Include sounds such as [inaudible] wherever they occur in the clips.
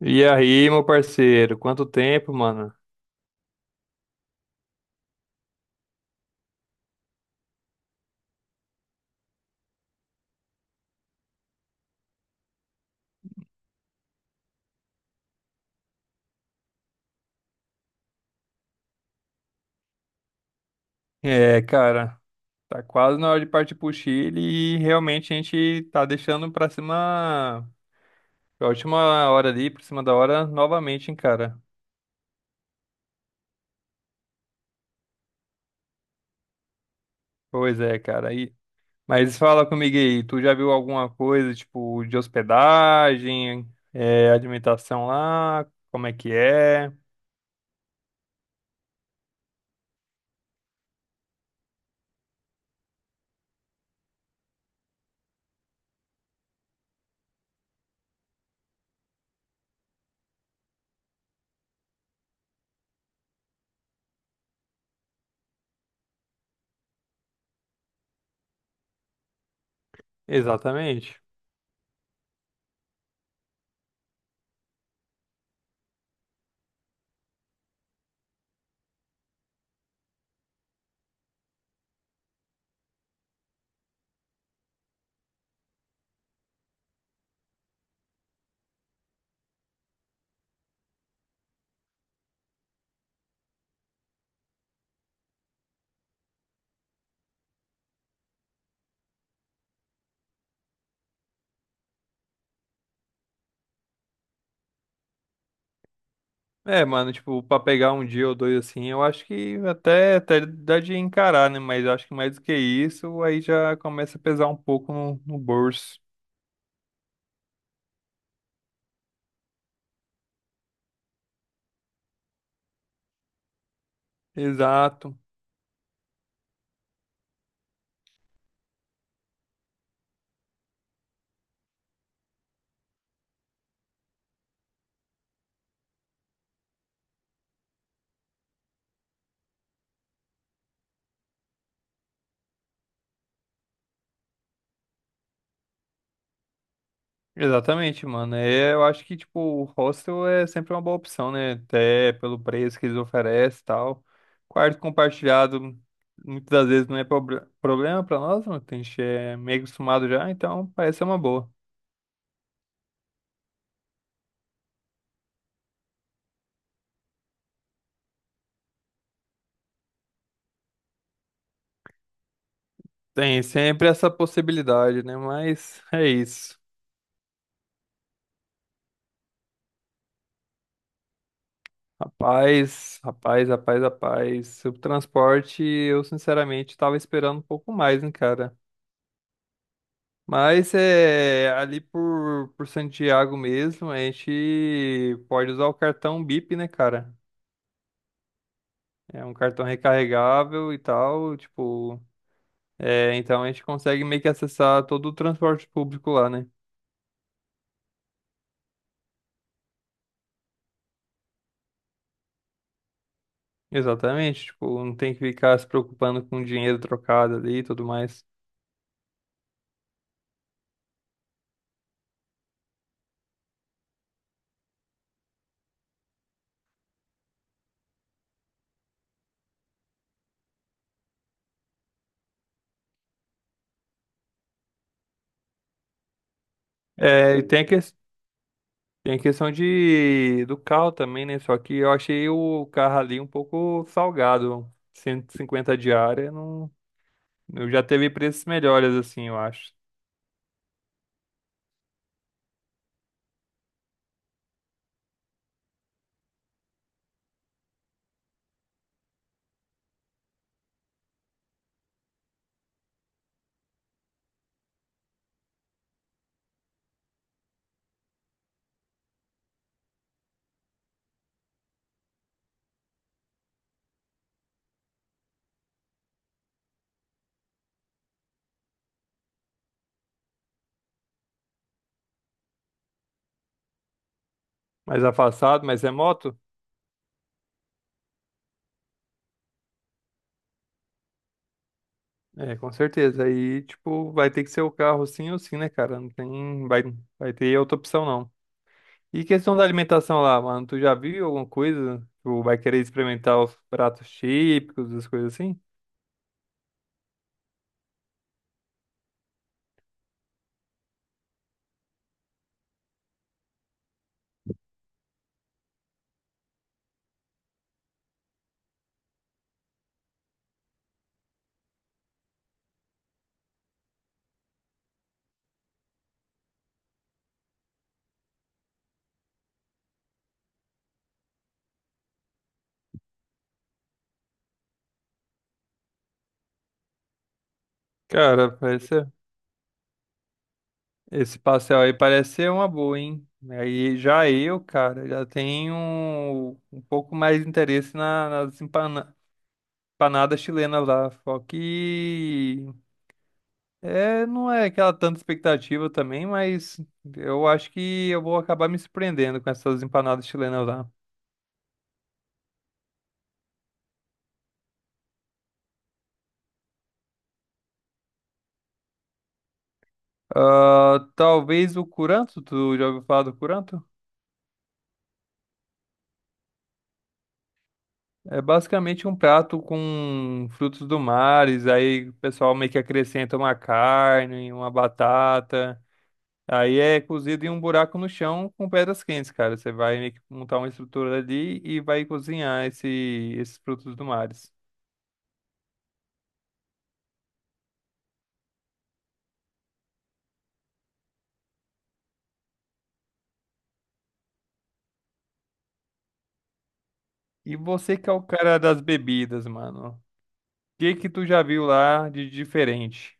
E aí, meu parceiro, quanto tempo, mano? É, cara, tá quase na hora de partir pro Chile e realmente a gente tá deixando pra cima, pra última hora ali, por cima da hora, novamente, hein, cara? Pois é, cara. E... Mas fala comigo aí, tu já viu alguma coisa, tipo, de hospedagem, é, alimentação lá, como é que é? Exatamente. É, mano, tipo, pra pegar um dia ou dois assim, eu acho que até, até dá de encarar, né? Mas eu acho que mais do que isso, aí já começa a pesar um pouco no bolso. Exato. Exatamente, mano. É, eu acho que, tipo, o hostel é sempre uma boa opção, né? Até pelo preço que eles oferecem e tal. Quarto compartilhado, muitas das vezes não é problema pra nós, mano. Que A gente é meio acostumado já, então parece ser uma boa. Tem sempre essa possibilidade, né? Mas é isso. Rapaz. Sobre o transporte, eu sinceramente estava esperando um pouco mais, hein, cara. Mas é ali por Santiago mesmo, a gente pode usar o cartão Bip, né, cara? É um cartão recarregável e tal, tipo. É, então a gente consegue meio que acessar todo o transporte público lá, né? Exatamente, tipo, não tem que ficar se preocupando com dinheiro trocado ali e tudo mais. É, e tem a Tem a questão de do carro também, né? Só que eu achei o carro ali um pouco salgado. 150 diária, não... eu já teve preços melhores, assim, eu acho. Mais afastado, mas é moto? É, com certeza. Aí, tipo, vai ter que ser o carro sim ou sim, né, cara? Não tem. Vai ter outra opção, não. E questão da alimentação lá, mano, tu já viu alguma coisa? Tu vai querer experimentar os pratos típicos, as coisas assim? Cara, parece. Esse pastel aí parece ser uma boa, hein? Aí já eu, cara, já tenho um pouco mais de interesse nas empanadas chilenas lá. Só que é, não é aquela tanta expectativa também, mas eu acho que eu vou acabar me surpreendendo com essas empanadas chilenas lá. Ah, talvez o curanto, tu já ouviu falar do curanto? É basicamente um prato com frutos do mar, aí o pessoal meio que acrescenta uma carne, uma batata. Aí é cozido em um buraco no chão com pedras quentes, cara. Você vai meio que montar uma estrutura ali e vai cozinhar esses frutos do mar. E você que é o cara das bebidas, mano. O que que tu já viu lá de diferente?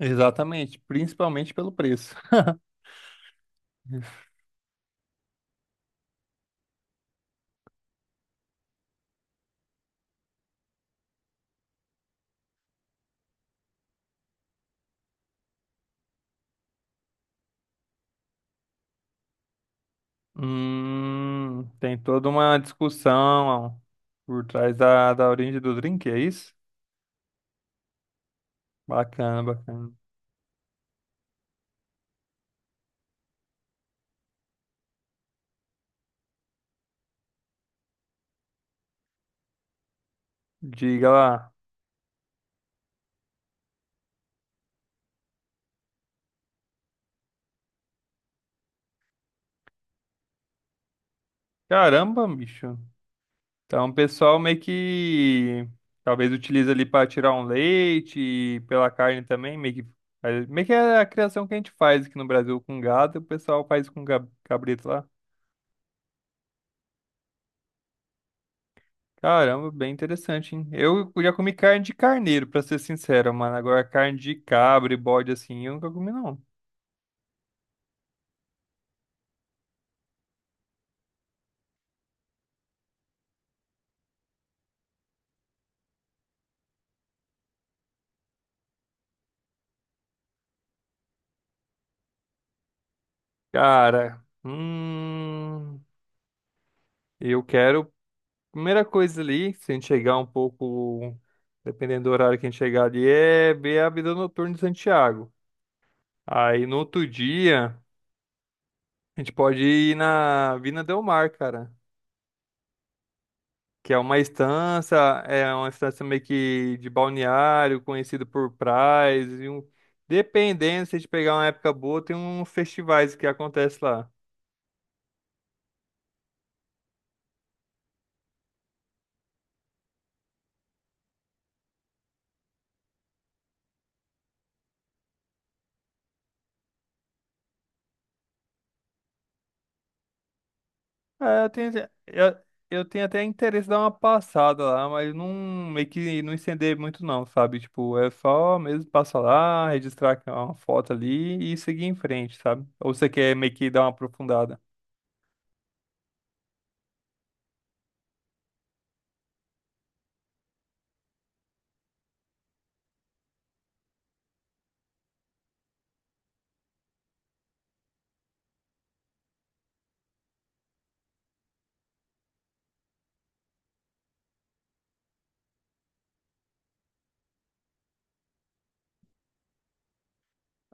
Exatamente, principalmente pelo preço. [laughs] Tem toda uma discussão por trás da origem do drink, é isso? Bacana, bacana. Diga lá. Caramba, bicho. Então, o pessoal meio que talvez utiliza ali para tirar um leite e pela carne também, meio que aí, meio que é a criação que a gente faz aqui no Brasil com gado, e o pessoal faz com cabrito lá. Caramba, bem interessante, hein? Eu já comi carne de carneiro, pra ser sincero, mano. Agora carne de cabra e bode assim, eu nunca comi não. Cara, eu quero primeira coisa ali, se a gente chegar um pouco, dependendo do horário que a gente chegar ali, é ver a vida noturna de Santiago. Aí no outro dia, a gente pode ir na Vina Del Mar, cara. Que é uma estância meio que de balneário, conhecida por praias. E um... Dependendo, se a gente pegar uma época boa, tem uns festivais que acontecem lá. É, eu, eu tenho até interesse de dar uma passada lá, mas não meio que não estender muito não, sabe? Tipo, é só mesmo passar lá, registrar uma foto ali e seguir em frente, sabe? Ou você quer meio que dar uma aprofundada?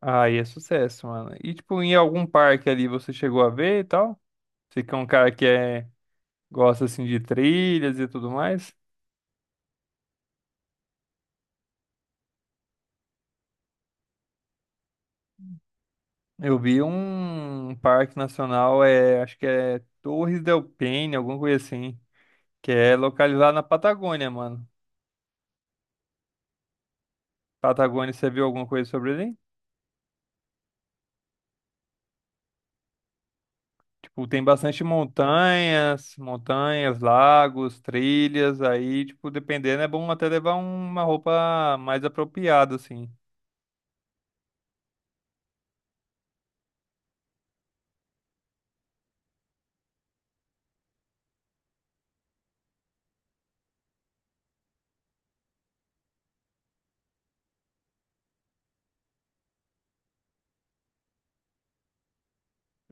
Aí é sucesso, mano. E tipo, em algum parque ali você chegou a ver e tal? Você que é um cara que é, gosta assim de trilhas e tudo mais. Eu vi um parque nacional, é, acho que é Torres del Paine, alguma coisa assim, que é localizado na Patagônia, mano. Patagônia, você viu alguma coisa sobre ele? Tipo, tem bastante montanhas, lagos, trilhas, aí, tipo, dependendo, é bom até levar uma roupa mais apropriada, assim.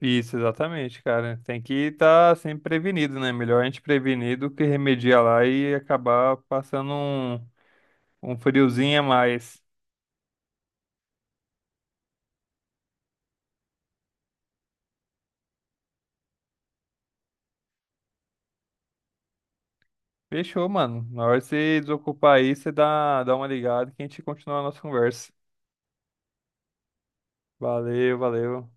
Isso, exatamente, cara. Tem que estar sempre prevenido, né? Melhor a gente prevenir do que remediar lá e acabar passando um, um friozinho a mais. Fechou, mano. Na hora de você desocupar aí, você dá uma ligada que a gente continua a nossa conversa. Valeu, valeu.